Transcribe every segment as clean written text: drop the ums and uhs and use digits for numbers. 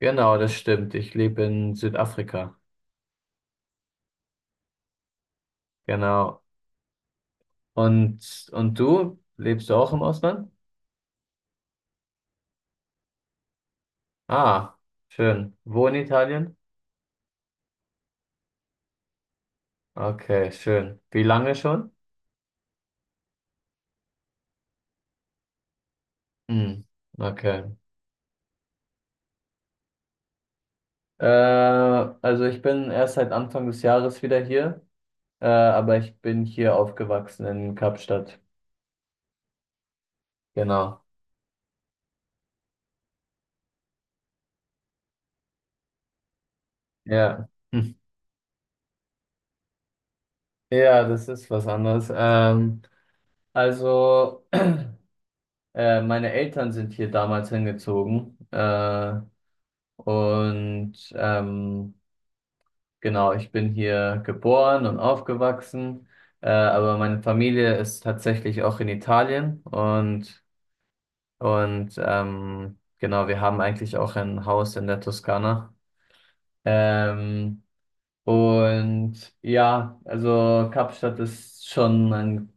Genau, das stimmt. Ich lebe in Südafrika. Genau. Und du? Lebst du auch im Ausland? Ah, schön. Wo in Italien? Okay, schön. Wie lange schon? Hm, okay. Also ich bin erst seit Anfang des Jahres wieder hier, aber ich bin hier aufgewachsen in Kapstadt. Genau. Ja. Hm. Ja, das ist was anderes. Also, meine Eltern sind hier damals hingezogen. Und genau, ich bin hier geboren und aufgewachsen, aber meine Familie ist tatsächlich auch in Italien und genau, wir haben eigentlich auch ein Haus in der Toskana. Ähm, und ja, also Kapstadt ist schon ein,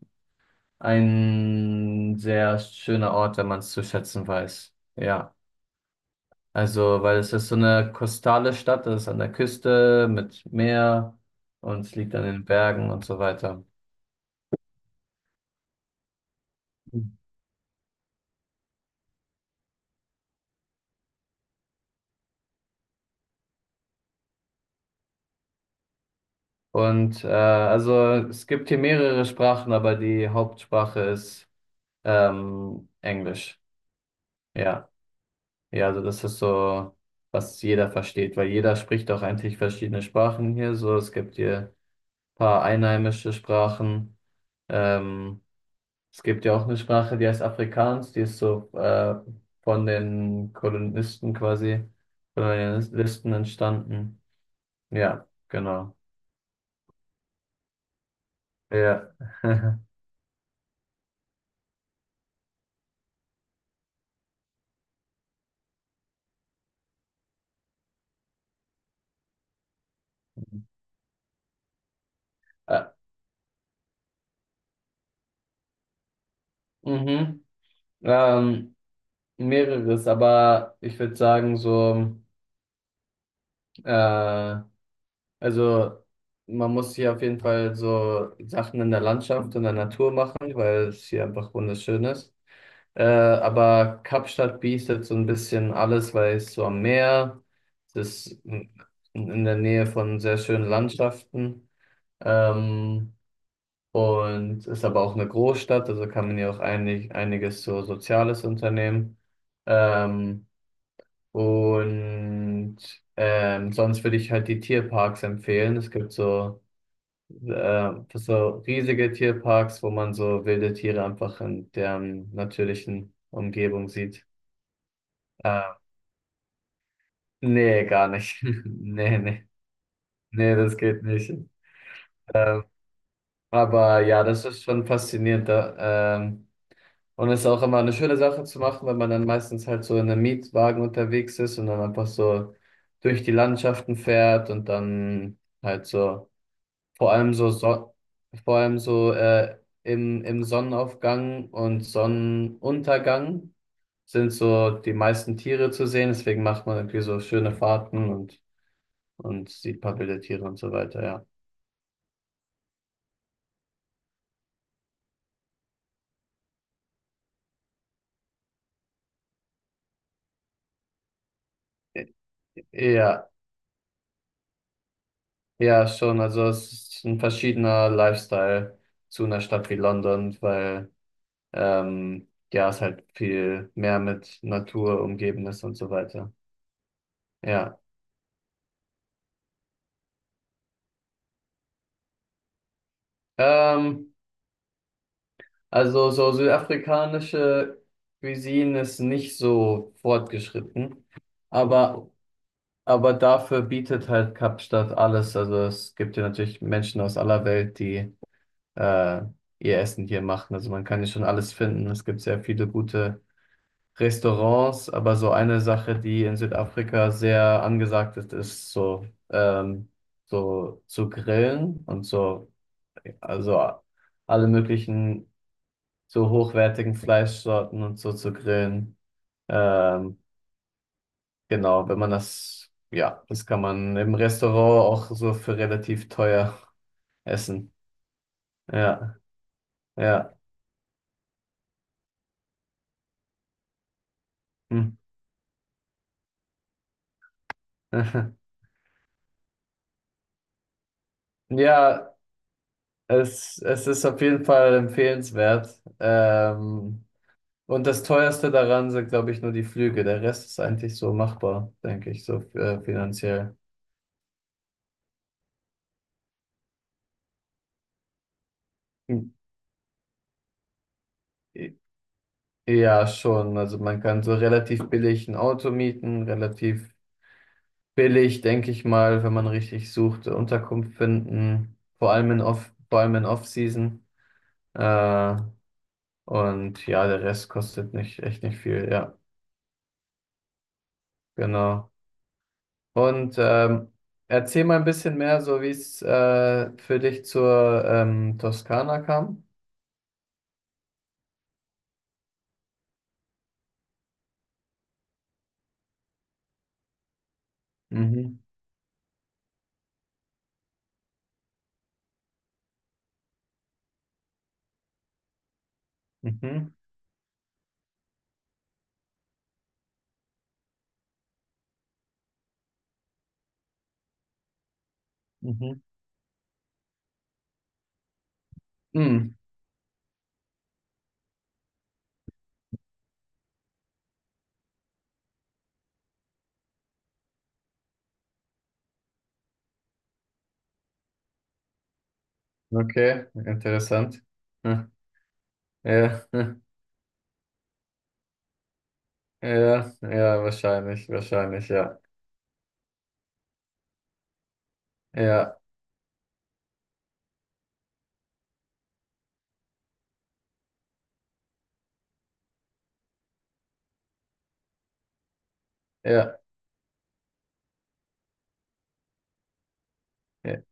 ein sehr schöner Ort, wenn man es zu schätzen weiß. Ja. Also, weil es ist so eine kostale Stadt, das ist an der Küste mit Meer, und es liegt an den Bergen und so weiter. Und also es gibt hier mehrere Sprachen, aber die Hauptsprache ist Englisch. Ja, ja, also das ist so, was jeder versteht, weil jeder spricht auch eigentlich verschiedene Sprachen hier. So, es gibt hier ein paar einheimische Sprachen. Ähm, Es gibt ja auch eine Sprache, die heißt Afrikaans. Die ist so von den Kolonisten quasi, Kolonialisten entstanden. Ja, genau. Ja. Äh, mhm. Ähm, mehreres, aber ich würde sagen, so, äh, also man muss hier auf jeden Fall so Sachen in der Landschaft und der Natur machen, weil es hier einfach wunderschön ist. Aber Kapstadt bietet so ein bisschen alles, weil es so am Meer es ist, in der Nähe von sehr schönen Landschaften. ähm, und ist aber auch eine Großstadt, also kann man hier auch einiges so Soziales unternehmen. Ähm, und sonst würde ich halt die Tierparks empfehlen. Es gibt so, so riesige Tierparks, wo man so wilde Tiere einfach in deren natürlichen Umgebung sieht. Äh, nee, gar nicht. Nee, nee. Nee, das geht nicht. Aber ja, das ist schon faszinierend. Da, und es ist auch immer eine schöne Sache zu machen, wenn man dann meistens halt so in einem Mietwagen unterwegs ist und dann einfach so durch die Landschaften fährt und dann halt so, vor allem so, so vor allem so, im Sonnenaufgang und Sonnenuntergang sind so die meisten Tiere zu sehen. Deswegen macht man irgendwie so schöne Fahrten, und die Pappe der Tiere und so weiter, ja. Ä- Ja, ja, schon. Also es ist ein verschiedener Lifestyle zu einer Stadt wie London, weil ja, es halt viel mehr mit Natur umgeben ist und so weiter. Ja. Ähm, also so südafrikanische Cuisine ist nicht so fortgeschritten, aber, aber dafür bietet halt Kapstadt alles. Also es gibt ja natürlich Menschen aus aller Welt, die äh, ihr Essen hier machen. Also man kann hier schon alles finden. Es gibt sehr viele gute Restaurants, aber so eine Sache, die in Südafrika sehr angesagt ist, ist so, so zu grillen und so, also alle möglichen so hochwertigen Fleischsorten und so zu grillen. Ähm, genau, wenn man das, ja, das kann man im Restaurant auch so für relativ teuer essen. Ja, ja. Hm. Ja, es ist auf jeden Fall empfehlenswert. Und das Teuerste daran sind, glaube ich, nur die Flüge. Der Rest ist eigentlich so machbar, denke ich, so finanziell. Hm. Ja, schon. Also man kann so relativ billig ein Auto mieten, relativ billig, denke ich mal, wenn man richtig sucht, Unterkunft finden, vor allem in Off-Season. Äh, und ja, der Rest kostet nicht, echt nicht viel. Ja, genau. Und ähm, erzähl mal ein bisschen mehr, so wie es für dich zur Toskana kam. Mhm. Mhm. Mhm. Mhm. Okay, interessant. Hm. Ja. Hm, ja, ja, wahrscheinlich, wahrscheinlich, ja. Ja, ja, ja,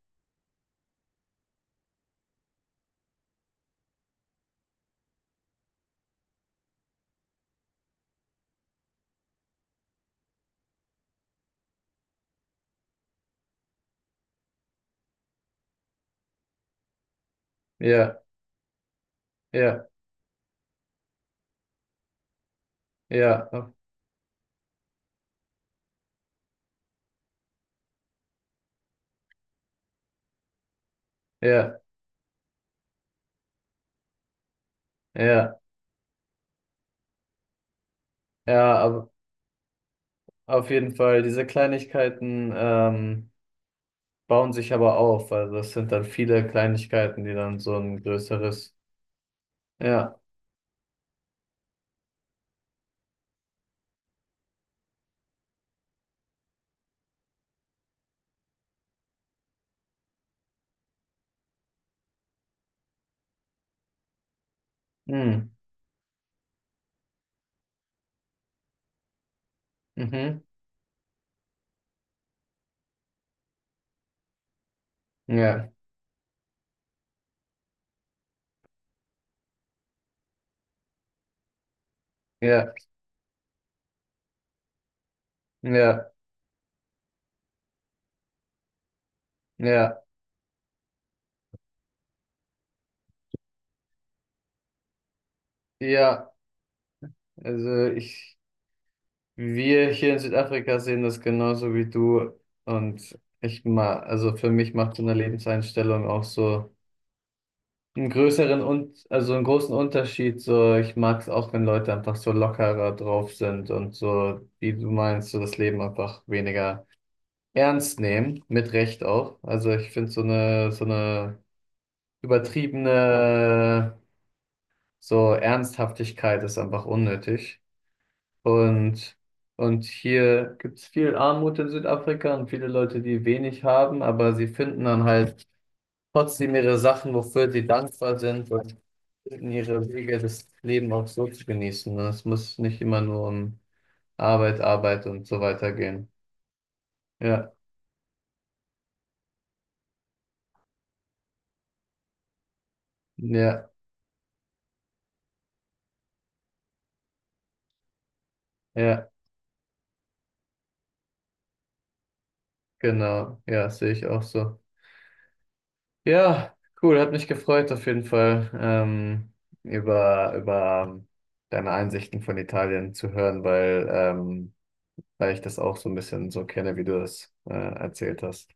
ja, ja, ja, ja, ja, ja, aber auf jeden Fall, diese Kleinigkeiten bauen sich aber auf. Also es sind dann viele Kleinigkeiten, die dann so ein größeres, ja. Hm. Mhm. Ja, ja, ja, ja, ja. Also ich, wir hier in Südafrika sehen das genauso wie du. Und ich mal, also für mich macht so eine Lebenseinstellung auch so einen größeren und also einen großen Unterschied. So, ich mag es auch, wenn Leute einfach so lockerer drauf sind und so, wie du meinst, so das Leben einfach weniger ernst nehmen, mit Recht auch. Also ich finde so eine übertriebene so Ernsthaftigkeit ist einfach unnötig. Und, und hier gibt es viel Armut in Südafrika und viele Leute, die wenig haben, aber sie finden dann halt trotzdem ihre Sachen, wofür sie dankbar sind, und finden ihre Wege, das Leben auch so zu genießen. Und es muss nicht immer nur um Arbeit, Arbeit und so weiter gehen. Ja, ja, ja, genau. Ja, sehe ich auch so. Ja, cool, hat mich gefreut auf jeden Fall, über deine Einsichten von Italien zu hören, weil ich das auch so ein bisschen so kenne, wie du das, erzählt hast.